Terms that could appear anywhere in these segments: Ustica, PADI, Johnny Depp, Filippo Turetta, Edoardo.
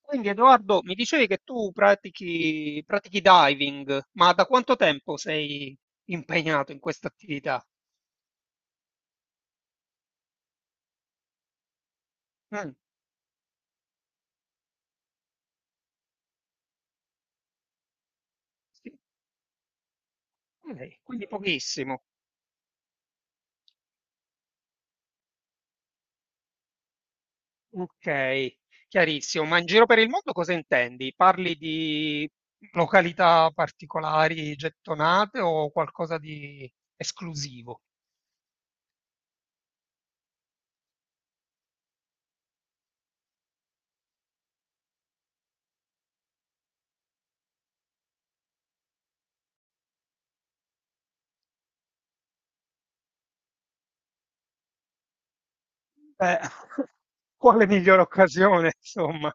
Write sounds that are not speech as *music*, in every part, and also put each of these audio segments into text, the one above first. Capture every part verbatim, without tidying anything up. Quindi Edoardo, mi dicevi che tu pratichi, pratichi diving, ma da quanto tempo sei impegnato in questa attività? Mm, sì, ok, quindi pochissimo. Ok, chiarissimo. Ma in giro per il mondo cosa intendi? Parli di località particolari gettonate o qualcosa di esclusivo? Beh, *laughs* quale migliore occasione, insomma?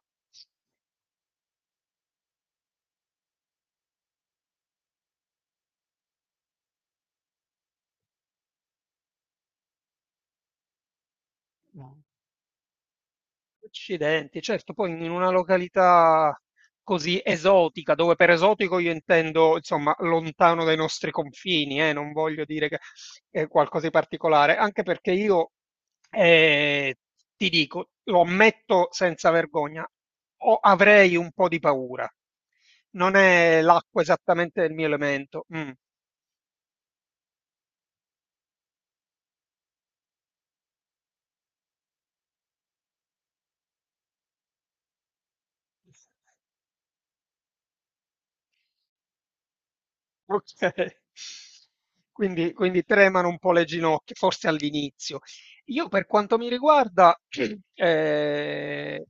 Accidenti, certo, poi in una località così esotica, dove per esotico io intendo, insomma, lontano dai nostri confini, eh, non voglio dire che è qualcosa di particolare, anche perché io eh, ti dico, lo ammetto senza vergogna, ho- avrei un po' di paura. Non è l'acqua esattamente il mio elemento. Mm. Okay. Quindi quindi tremano un po' le ginocchia, forse all'inizio. Io per quanto mi riguarda, *clears throat* ehm,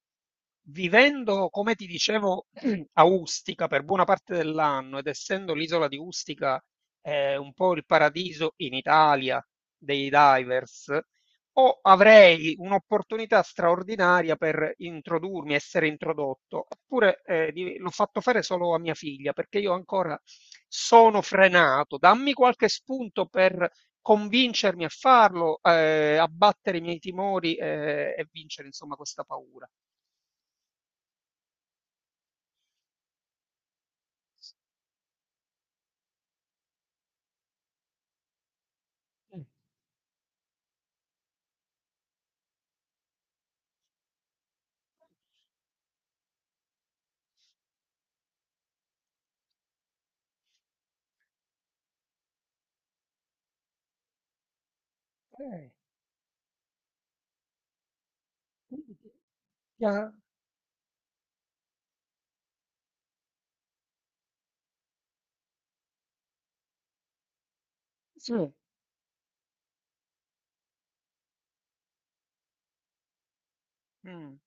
vivendo, come ti dicevo, *clears throat* a Ustica per buona parte dell'anno ed essendo l'isola di Ustica, ehm, un po' il paradiso in Italia dei divers o avrei un'opportunità straordinaria per introdurmi, essere introdotto, oppure eh, di- l'ho fatto fare solo a mia figlia perché io ancora sono frenato. Dammi qualche spunto per convincermi a farlo, eh, abbattere i miei timori eh, e vincere, insomma, questa paura. Eh, quindi ti- ti ha- sì. Mm.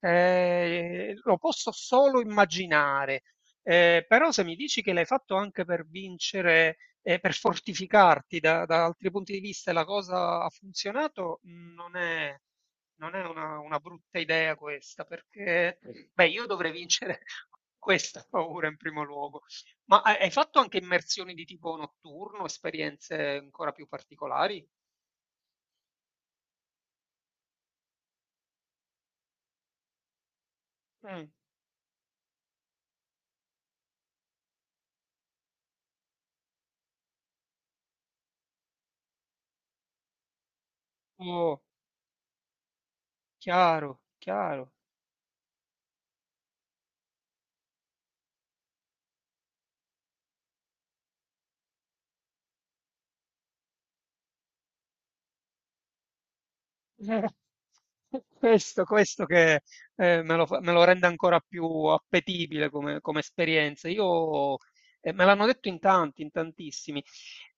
Eh, lo posso solo immaginare. Eh, però se mi dici che l'hai fatto anche per vincere, eh, per fortificarti da, da altri punti di vista e la cosa ha funzionato, mh, non è, non è una, una brutta idea questa, perché beh, io dovrei vincere *laughs* questa paura in primo luogo. Ma hai hai fatto anche immersioni di tipo notturno, esperienze ancora più particolari? Mm. Oh, chiaro, chiaro. Eh, Questo, questo che eh, me lo, fa- me lo rende ancora più appetibile come, come esperienza. Io, eh, me l'hanno detto in tanti, in tantissimi.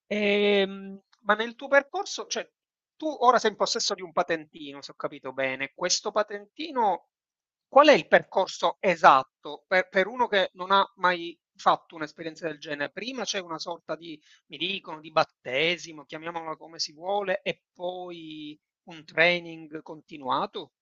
Ehm, ma nel tuo percorso, cioè, tu ora sei in possesso di un patentino, se ho capito bene. Questo patentino, qual è il percorso esatto per, per uno che non ha mai fatto un'esperienza del genere? Prima c'è una sorta di, mi dicono, di battesimo, chiamiamola come si vuole, e poi un training continuato?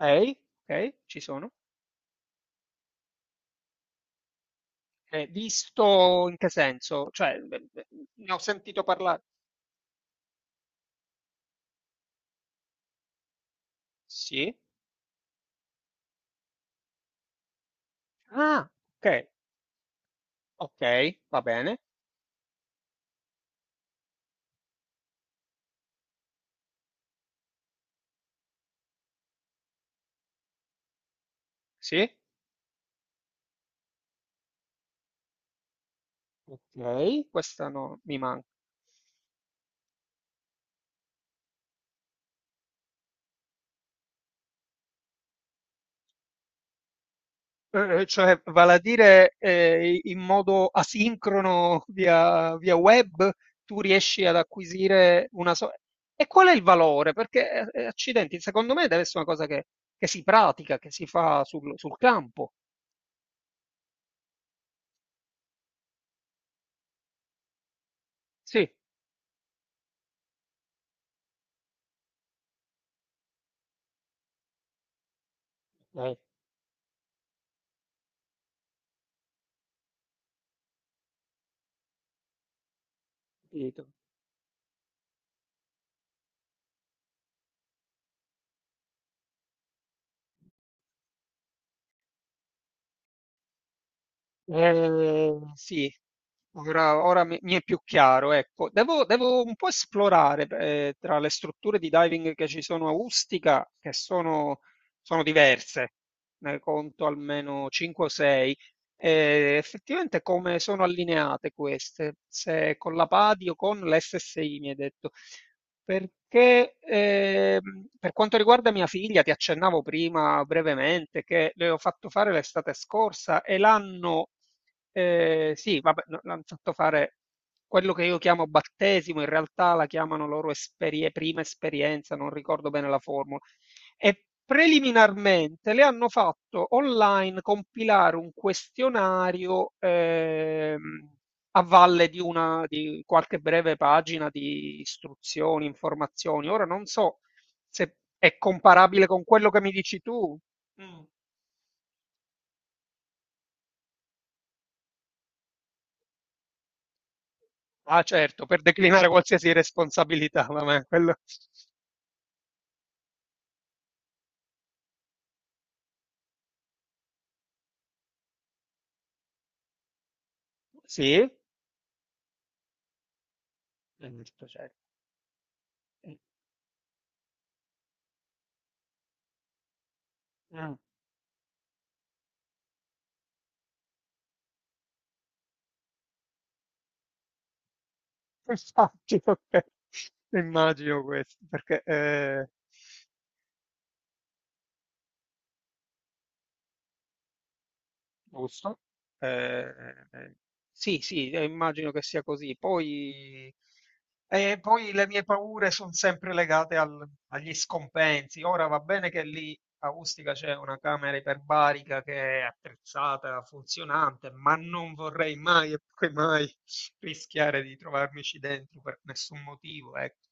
Ok. Ok, ci sono. Eh, visto in che senso? Cioè, beh, beh, ne ho sentito parlare. Sì. Ah, ok, ok, va bene. Sì, ok. Questa no, mi manca. Eh, eh, cioè, vale a dire eh, in modo asincrono via, via, web, tu riesci ad acquisire una sorta. E qual è il valore? Perché, eh, eh, accidenti, secondo me deve essere una cosa che, che si pratica, che si fa sul sul campo. Sì, hai capito. Eh, sì, ora, ora mi, mi è più chiaro, ecco. Devo, devo un po' esplorare eh, tra le strutture di diving che ci sono a Ustica, che sono, sono diverse, ne conto almeno cinque o sei, eh, effettivamente come sono allineate queste, se con la PADI o con l'esse esse i mi hai detto. Perché, ehm, per quanto riguarda mia figlia, ti accennavo prima brevemente che le ho fatto fare l'estate scorsa e l'hanno, eh, sì, vabbè, no, l'hanno fatto fare quello che io chiamo battesimo, in realtà la chiamano loro esperie- prima esperienza, non ricordo bene la formula. E preliminarmente le hanno fatto online compilare un questionario, ehm, a valle di una di qualche breve pagina di istruzioni, informazioni. Ora non so se è comparabile con quello che mi dici tu. Mm. Ah, certo, per declinare qualsiasi responsabilità, vabbè, quello sì, è giusto, certo. Mm. *laughs* Immagino, ok. Immagino questo, perché eh, giusto. Eh, eh, sì, sì, eh, immagino che sia così. Poi, e poi le mie paure sono sempre legate al- agli scompensi. Ora va bene che lì a Ustica c'è una camera iperbarica che è attrezzata, funzionante, ma non vorrei mai e poi mai *laughs* rischiare di trovarmici dentro per nessun motivo, ecco.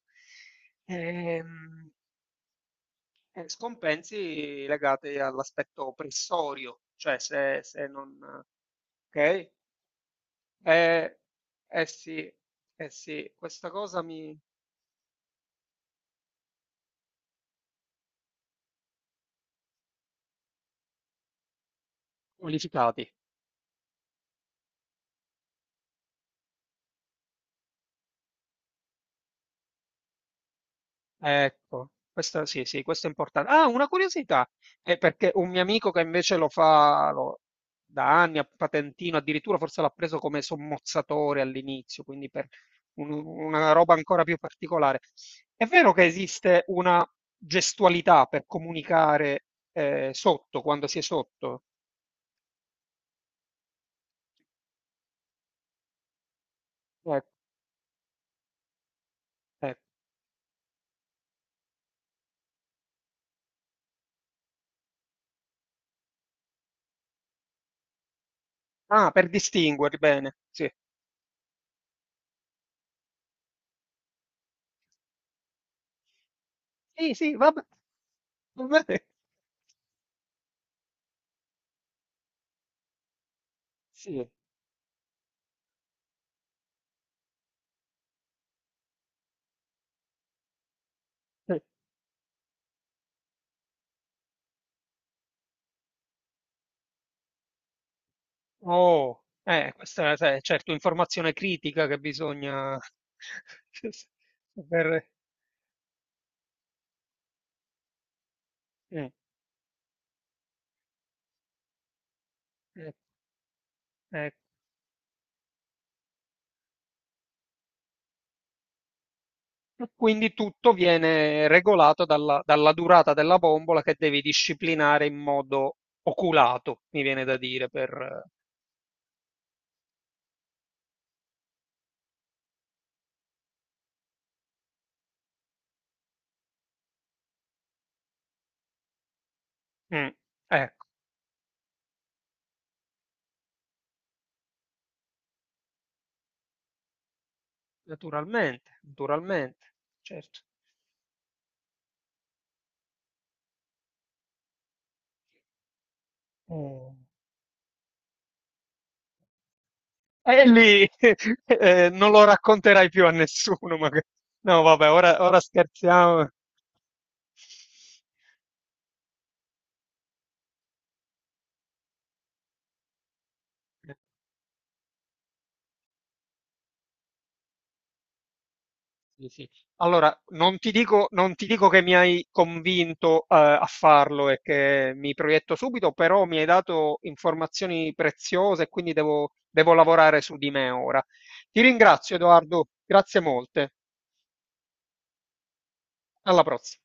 Ehm, eh, Scompensi legati all'aspetto pressorio, cioè se, se non... Ok? Eh, eh sì, eh sì, questa cosa mi... Qualificati. Ecco, questo sì, sì, questo è importante. Ah, una curiosità, è perché un mio amico che invece lo fa lo- da anni a patentino, addirittura forse l'ha preso come sommozzatore all'inizio, quindi per un- una roba ancora più particolare. È vero che esiste una gestualità per comunicare eh, sotto, quando si è sotto? Ecco, ecco. Ah, per distinguerli, bene, sì. Sì, sì, vabbè. *laughs* Vabbè, sì. Oh, eh, questa è sai, certo informazione critica che bisogna *laughs* saper- eh, eh, eh. E quindi tutto viene regolato dalla, dalla, durata della bombola che devi disciplinare in modo oculato, mi viene da dire, per eh, mm, ecco, naturalmente, naturalmente, certo. Oh. E lì *laughs* eh, non lo racconterai più a nessuno, magari. No, vabbè, ora ora scherziamo. Eh, sì, sì. Allora, non ti dico, non ti dico che mi hai convinto, eh, a farlo e che mi proietto subito, però mi hai dato informazioni preziose e quindi devo, devo lavorare su di me ora. Ti ringrazio, Edoardo, grazie molte. Alla prossima.